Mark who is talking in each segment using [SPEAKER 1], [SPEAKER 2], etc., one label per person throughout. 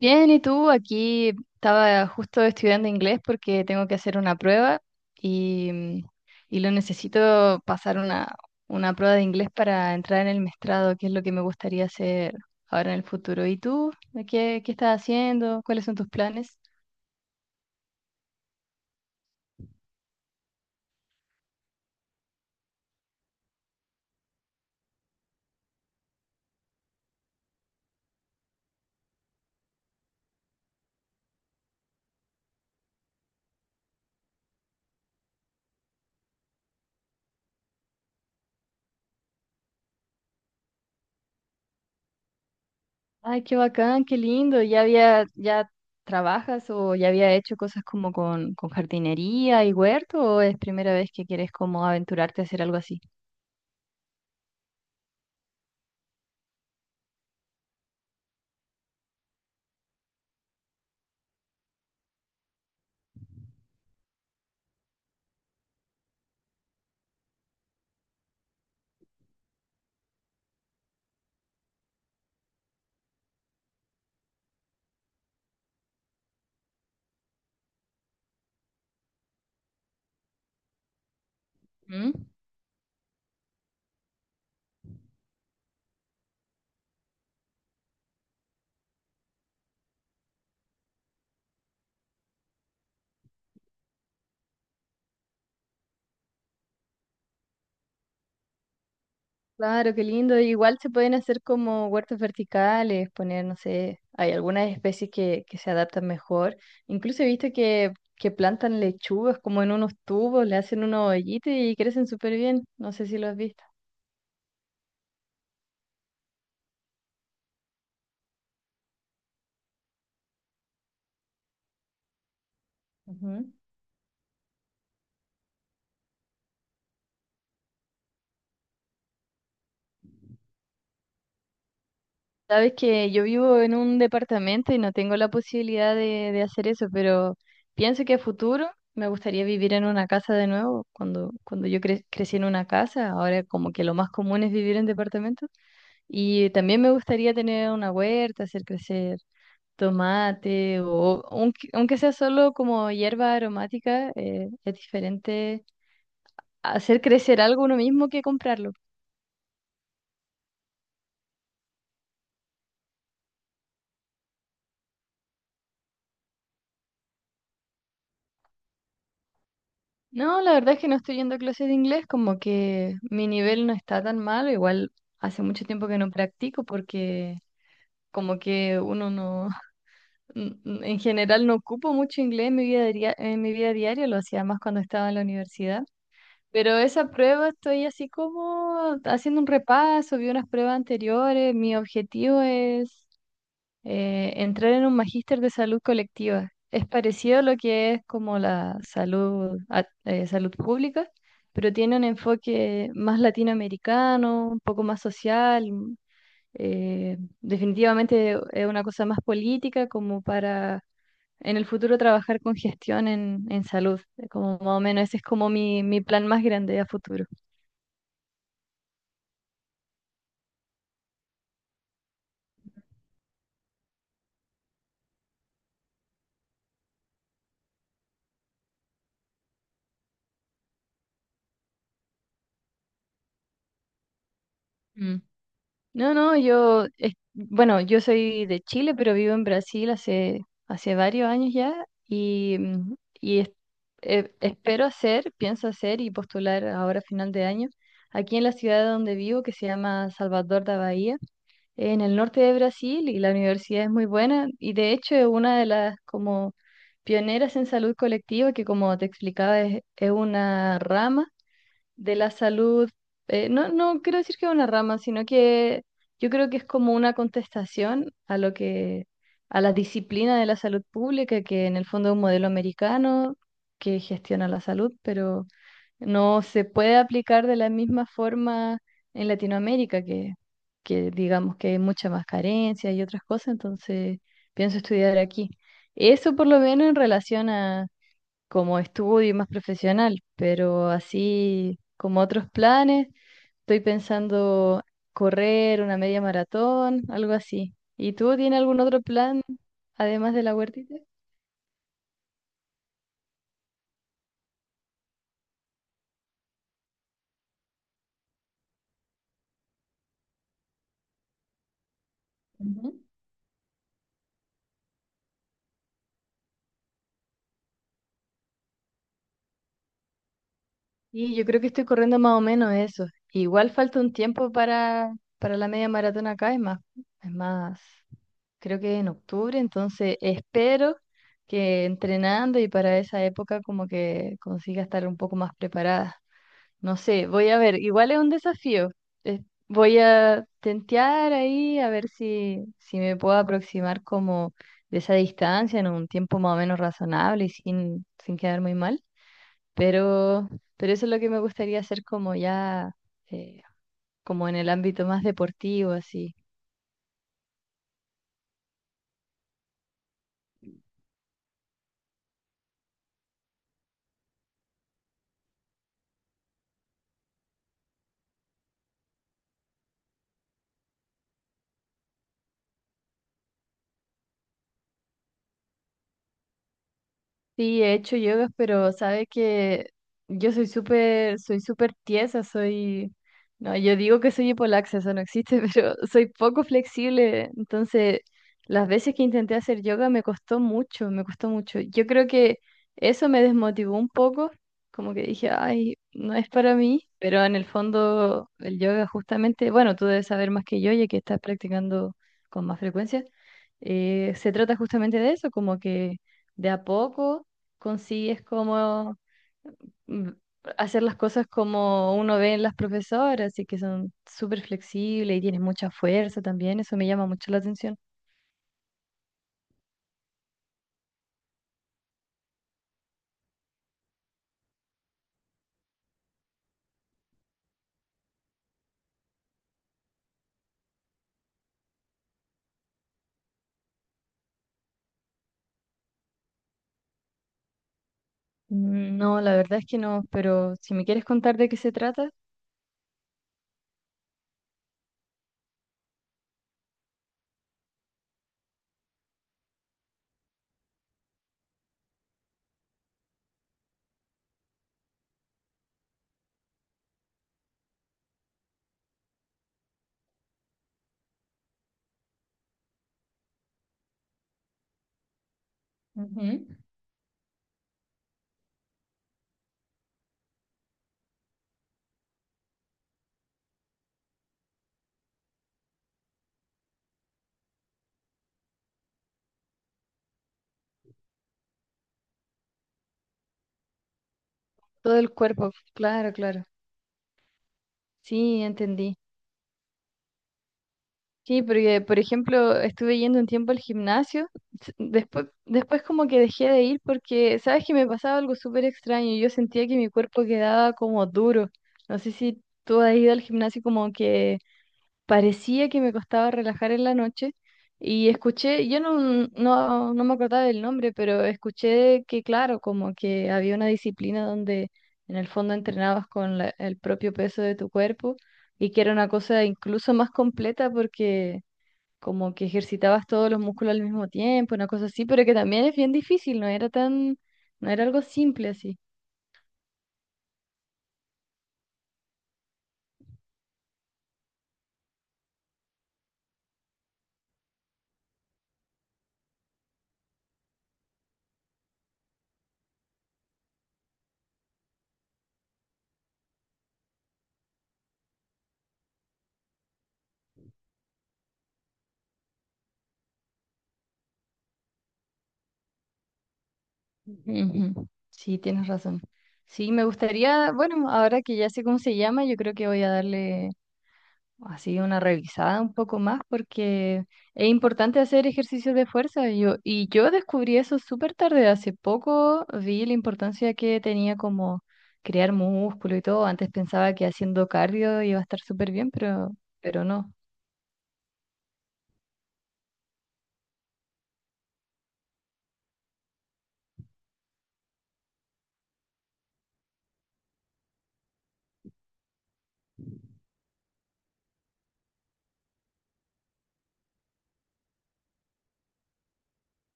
[SPEAKER 1] Bien, ¿y tú? Aquí estaba justo estudiando inglés porque tengo que hacer una prueba y, mm, y lo necesito pasar una prueba de inglés para entrar en el maestrado que es lo que me gustaría hacer ahora en el futuro. ¿Y tú? ¿Qué estás haciendo? ¿Cuáles son tus planes? Ay, qué bacán, qué lindo. ¿Ya trabajas o ya había hecho cosas como con jardinería y huerto o es primera vez que quieres como aventurarte a hacer algo así? ¿Mm? Claro, qué lindo. Igual se pueden hacer como huertos verticales, poner, no sé, hay algunas especies que se adaptan mejor. Incluso he visto que plantan lechugas como en unos tubos, le hacen unos hoyitos y crecen súper bien. No sé si lo has visto. Ujú. Sabes que yo vivo en un departamento y no tengo la posibilidad de hacer eso, pero pienso que a futuro me gustaría vivir en una casa de nuevo. Cuando yo crecí en una casa, ahora como que lo más común es vivir en departamentos. Y también me gustaría tener una huerta, hacer crecer tomate o aunque sea solo como hierba aromática, es diferente hacer crecer algo uno mismo que comprarlo. No, la verdad es que no estoy yendo a clases de inglés, como que mi nivel no está tan malo, igual hace mucho tiempo que no practico porque como que uno no, en general no ocupo mucho inglés en mi vida, en mi vida diaria, lo hacía más cuando estaba en la universidad. Pero esa prueba estoy así como haciendo un repaso, vi unas pruebas anteriores. Mi objetivo es entrar en un magíster de salud colectiva. Es parecido a lo que es como la salud, salud pública, pero tiene un enfoque más latinoamericano, un poco más social. Definitivamente es una cosa más política como para en el futuro trabajar con gestión en salud. Como más o menos ese es como mi plan más grande a futuro. Mm. No, no, yo, bueno, yo soy de Chile, pero vivo en Brasil hace, hace varios años ya y, mm, y es- espero hacer, pienso hacer y postular ahora a final de año aquí en la ciudad donde vivo, que se llama Salvador da Bahía, en el norte de Brasil, y la universidad es muy buena y de hecho es una de las como pioneras en salud colectiva que, como te explicaba, es una rama de la salud. No, no quiero decir que es una rama, sino que yo creo que es como una contestación a lo a la disciplina de la salud pública, que en el fondo es un modelo americano que gestiona la salud, pero no se puede aplicar de la misma forma en Latinoamérica, que digamos que hay mucha más carencia y otras cosas, entonces pienso estudiar aquí. Eso por lo menos en relación a como estudio y más profesional, pero así como otros planes, estoy pensando correr una media maratón, algo así. ¿Y tú tienes algún otro plan además de la huertita? Ujú. Y yo creo que estoy corriendo más o menos eso. Igual falta un tiempo para la media maratón acá, es más, creo que en octubre, entonces espero que entrenando y para esa época como que consiga estar un poco más preparada. No sé, voy a ver, igual es un desafío. Es- Voy a tentear ahí a ver si, si me puedo aproximar como de esa distancia en un tiempo más o menos razonable y sin quedar muy mal. Pero, pero eso es lo que me gustaría hacer como ya, eh, como en el ámbito más deportivo, así. Sí, he hecho yoga, pero sabe que yo soy súper tiesa, soy, no, yo digo que soy hipolaxa, eso no existe, pero soy poco flexible, entonces las veces que intenté hacer yoga me costó mucho, me costó mucho. Yo creo que eso me desmotivó un poco, como que dije, ay, no es para mí, pero en el fondo el yoga justamente, bueno, tú debes saber más que yo, ya que estás practicando con más frecuencia. Se trata justamente de eso, como que de a poco consigues como mm, hacer las cosas como uno ve en las profesoras y que son súper flexibles y tienes mucha fuerza también, eso me llama mucho la atención. Mm, no, la verdad es que no, pero si me quieres contar de qué se trata. Ujú. Todo el cuerpo, claro, claro. Sí, entendí. Sí, porque por ejemplo estuve yendo un tiempo al gimnasio, después como que dejé de ir porque, ¿sabes que me pasaba algo súper extraño? Yo sentía que mi cuerpo quedaba como duro. No sé si tú has ido al gimnasio, como que parecía que me costaba relajar en la noche y escuché, yo no, no me acordaba del nombre, pero escuché que claro, como que había una disciplina donde en el fondo entrenabas con el propio peso de tu cuerpo y que era una cosa incluso más completa porque como que ejercitabas todos los músculos al mismo tiempo, una cosa así, pero que también es bien difícil, no era algo simple así. Ujú. Sí, tienes razón. Sí, me gustaría, bueno, ahora que ya sé cómo se llama, yo creo que voy a darle así una revisada un poco más porque es importante hacer ejercicios de fuerza. Yo descubrí eso súper tarde, hace poco vi la importancia que tenía como crear músculo y todo. Antes pensaba que haciendo cardio iba a estar súper bien, pero no.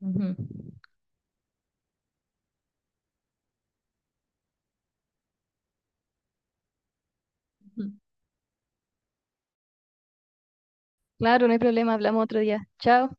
[SPEAKER 1] Ujú. Ujú. Claro, no hay problema, hablamos otro día. Chao.